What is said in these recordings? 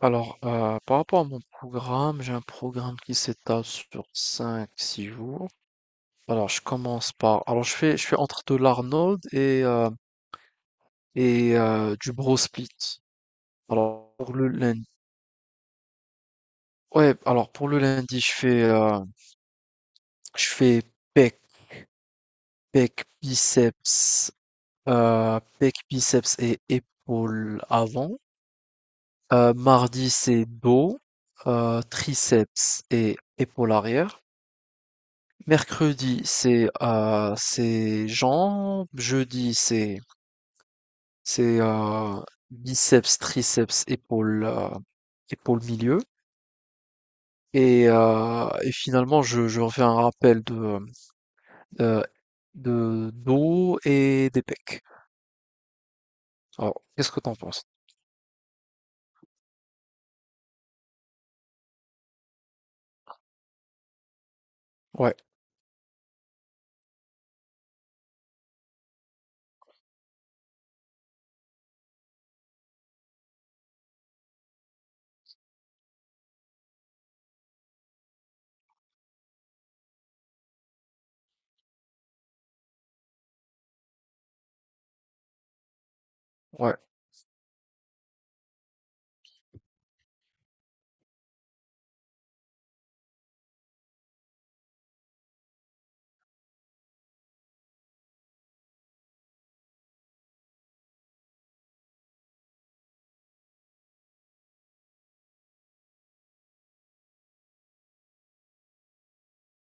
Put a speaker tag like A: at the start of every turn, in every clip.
A: Alors, par rapport à mon programme, j'ai un programme qui s'étale sur 5 6 jours. Alors, je fais entre de l'Arnold et du bro split. Alors, pour le lundi... Ouais, alors, pour le lundi, je fais pec, pec, biceps, pec, biceps et épaules avant. Mardi, c'est dos, triceps et épaules arrière. Mercredi, c'est jambes. Jeudi, c'est biceps, triceps, épaules, épaules milieu. Et finalement, je refais un rappel euh, de dos et des pecs. Alors, qu'est-ce que t'en penses? Ouais, ouais.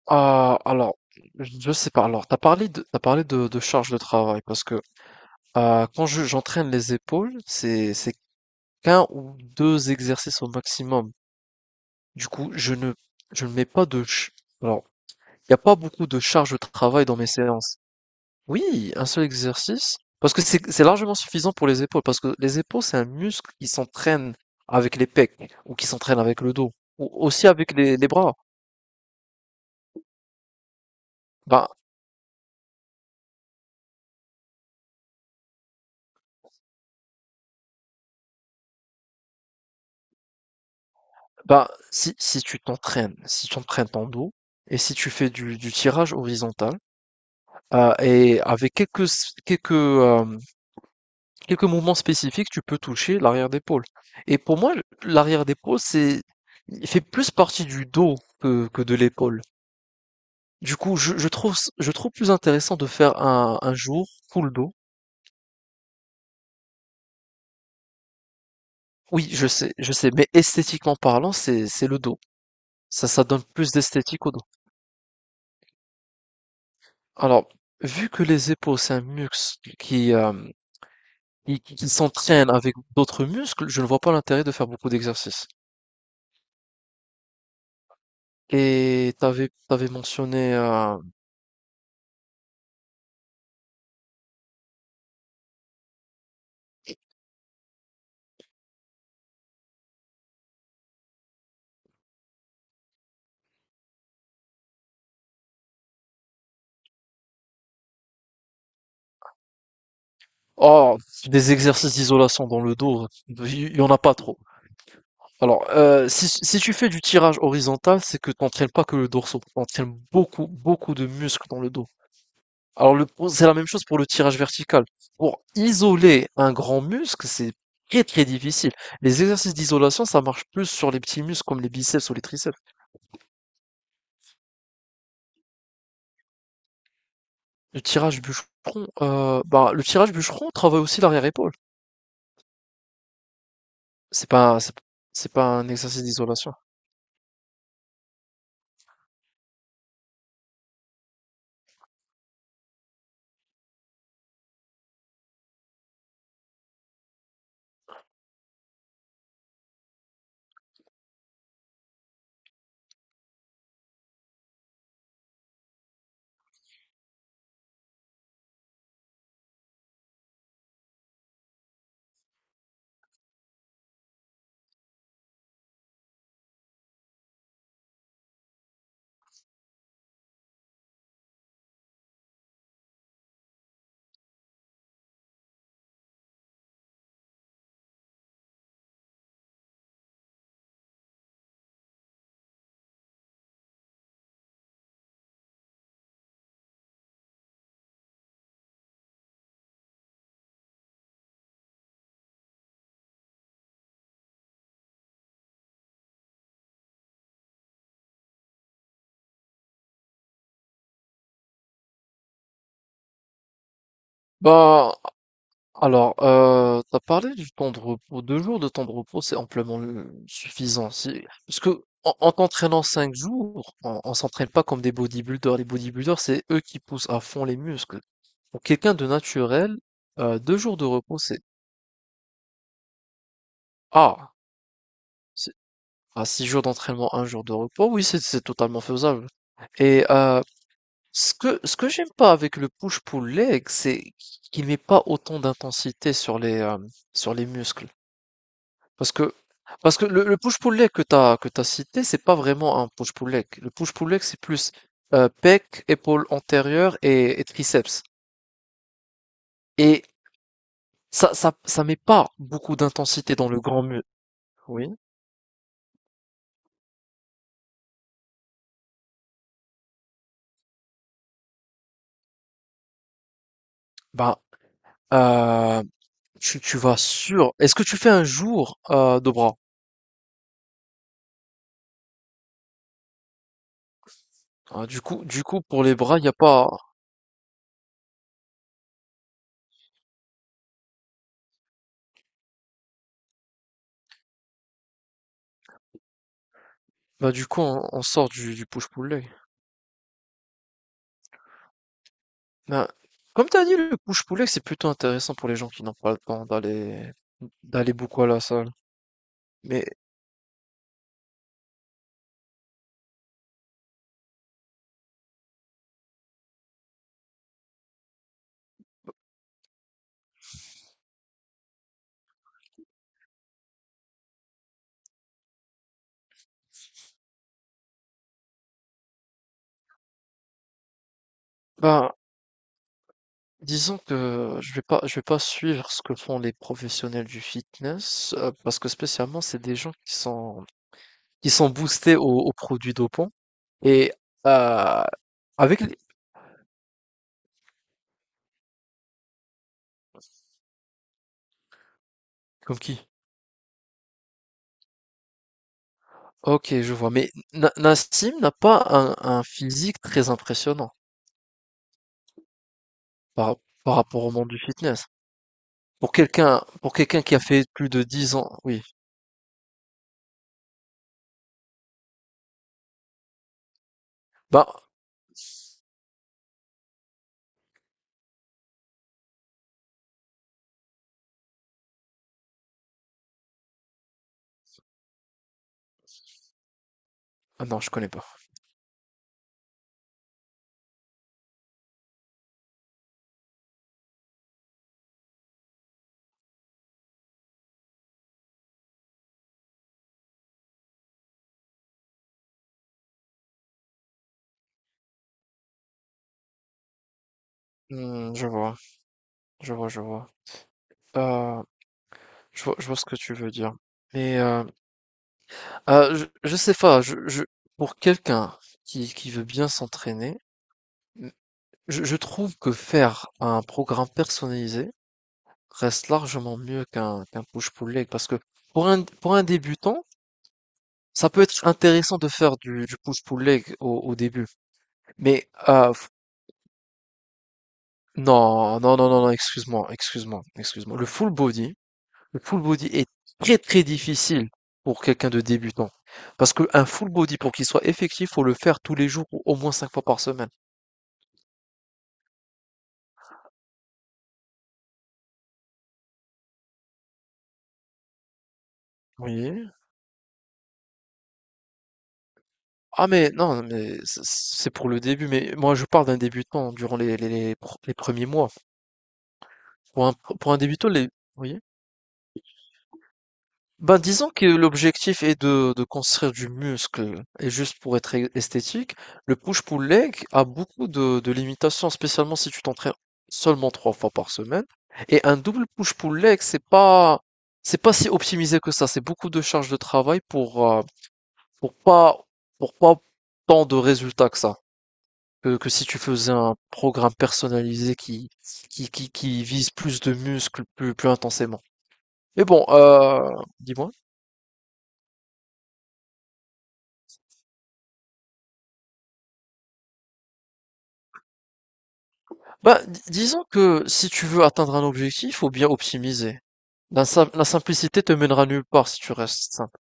A: Ah, alors, je sais pas. Alors, t'as parlé de charge de travail parce que quand j'entraîne les épaules, c'est qu'un ou deux exercices au maximum. Du coup, je ne mets pas de ch- Alors, il n'y a pas beaucoup de charge de travail dans mes séances. Oui, un seul exercice parce que c'est largement suffisant pour les épaules parce que les épaules c'est un muscle qui s'entraîne avec les pecs ou qui s'entraîne avec le dos ou aussi avec les bras. Ben, bah, si tu t'entraînes si tu entraînes ton dos et si tu fais du tirage horizontal, et avec quelques s quelques, hem, quelques mouvements spécifiques, tu peux toucher l'arrière d'épaule et pour moi, l'arrière d'épaule, c'est il fait plus partie du dos que de l'épaule. Du coup, je trouve plus intéressant de faire un jour full dos. Oui, je sais, mais esthétiquement parlant, c'est le dos. Ça donne plus d'esthétique au dos. Alors, vu que les épaules, c'est un muscle qui, hem qui s'entraînent avec d'autres muscles, je ne vois pas l'intérêt de faire beaucoup d'exercices. Et t'avais mentionné oh, des exercices d'isolation dans le dos, il y en a pas trop. Alors si tu fais du tirage horizontal, c'est que t'entraînes pas que le dorsal, tu entraînes beaucoup de muscles dans le dos. Alors le c'est la même chose pour le tirage vertical. Pour isoler un grand muscle, c'est très très difficile. Les exercices d'isolation, ça marche plus sur les petits muscles comme les biceps ou les triceps. Le tirage bûcheron, bah, le tirage bûcheron travaille aussi l'arrière-épaule. C'est pas un- c'est pas un exercice d'isolation. Bah, alors, tu parlé du temps de repos. 2 jours de temps de repos, c'est amplement, suffisant. C'est parce que en t'entraînant 5 jours, on s'entraîne pas comme des bodybuilders. Les bodybuilders, c'est eux qui poussent à fond les muscles. Pour quelqu'un de naturel, 2 jours de repos, c'est ah, c'est à 6 jours d'entraînement, un jour de repos, oui, c'est totalement faisable et heu Ce que j'aime pas avec le push-pull leg, c'est qu'il met pas autant d'intensité sur les, sur les muscles. Parce que le push-pull leg que t'as cité, c'est pas vraiment un push-pull leg. Le push-pull leg, c'est plus, pec, épaule antérieure et triceps. Et ça met pas beaucoup d'intensité dans le grand muscle. Oui? Bah, heu, tu vas sur est-ce que tu fais un jour, de bras? Ah, du coup, pour les bras, il y a pas. Bah, du coup, on sort du push-pull leg. Bah, comme t'as dit, le push-pull leg, c'est plutôt intéressant pour les gens qui n'ont pas le temps d'aller beaucoup à la salle. Mais bah, disons que je vais pas suivre ce que font les professionnels du fitness parce que spécialement, c'est des gens qui sont boostés aux, aux produits dopants et euh, avec les- comme qui? Ok, je vois. Mais Na- Nassim n'a pas un physique très impressionnant par, par rapport au monde du fitness. Pour quelqu'un qui a fait plus de 10 ans, oui. Bah, ah non, je connais pas. Hmm, je vois, je vois, je vois. Euh, je vois, je vois ce que tu veux dire. Mais je sais pas. Pour quelqu'un qui, veut bien s'entraîner, je trouve que faire un programme personnalisé reste largement mieux qu'un push-pull leg parce que pour un débutant, ça peut être intéressant de faire du push-pull leg au début, mais non, non, non, non, non, excuse-moi, excuse-moi, excuse-moi. Le full body est très très difficile pour quelqu'un de débutant. Parce qu'un full body, pour qu'il soit effectif, faut le faire tous les jours ou au moins cinq fois par semaine. Oui. Ah mais non, mais c- c'est pour le début, mais moi je parle d'un débutant durant les premiers mois. Pour un, pour un débutant, les... oui. Ben, disons que l'objectif est de construire du muscle. Et juste pour être e- esthétique, le push-pull leg a beaucoup de limitations, spécialement si tu t'entraînes seulement trois fois par semaine. Et un double push-pull leg, c'est pas si optimisé que ça. C'est beaucoup de charges de travail pour, pour pas, pour pas tant de résultats que ça. Que si tu faisais un programme personnalisé qui vise plus de muscles plus, plus intensément. Mais bon, dis-moi. Bah, di- disons que si tu veux atteindre un objectif, faut bien optimiser. La, sim- la simplicité te mènera nulle part si tu restes simple.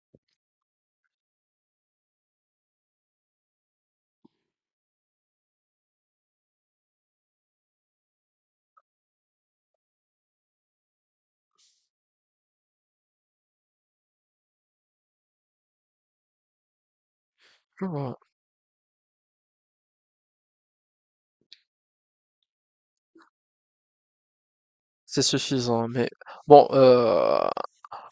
A: Tu vois, c'est suffisant. Mais bon,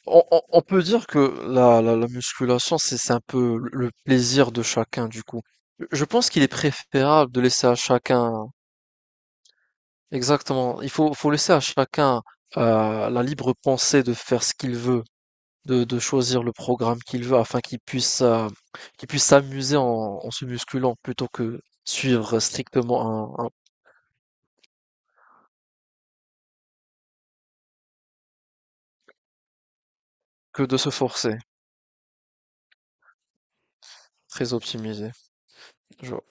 A: on peut dire que la musculation, c'est un peu le plaisir de chacun, du coup. Je pense qu'il est préférable de laisser à chacun, exactement, il faut, faut laisser à chacun la libre pensée de faire ce qu'il veut. De choisir le programme qu'il veut afin qu'il puisse s'amuser en, en se musculant plutôt que suivre strictement un- que de se forcer. Très optimisé. Je vois.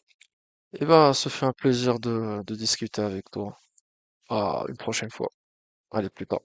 A: Eh ben, ce fut un plaisir de discuter avec toi. À une prochaine fois. Allez, plus tard.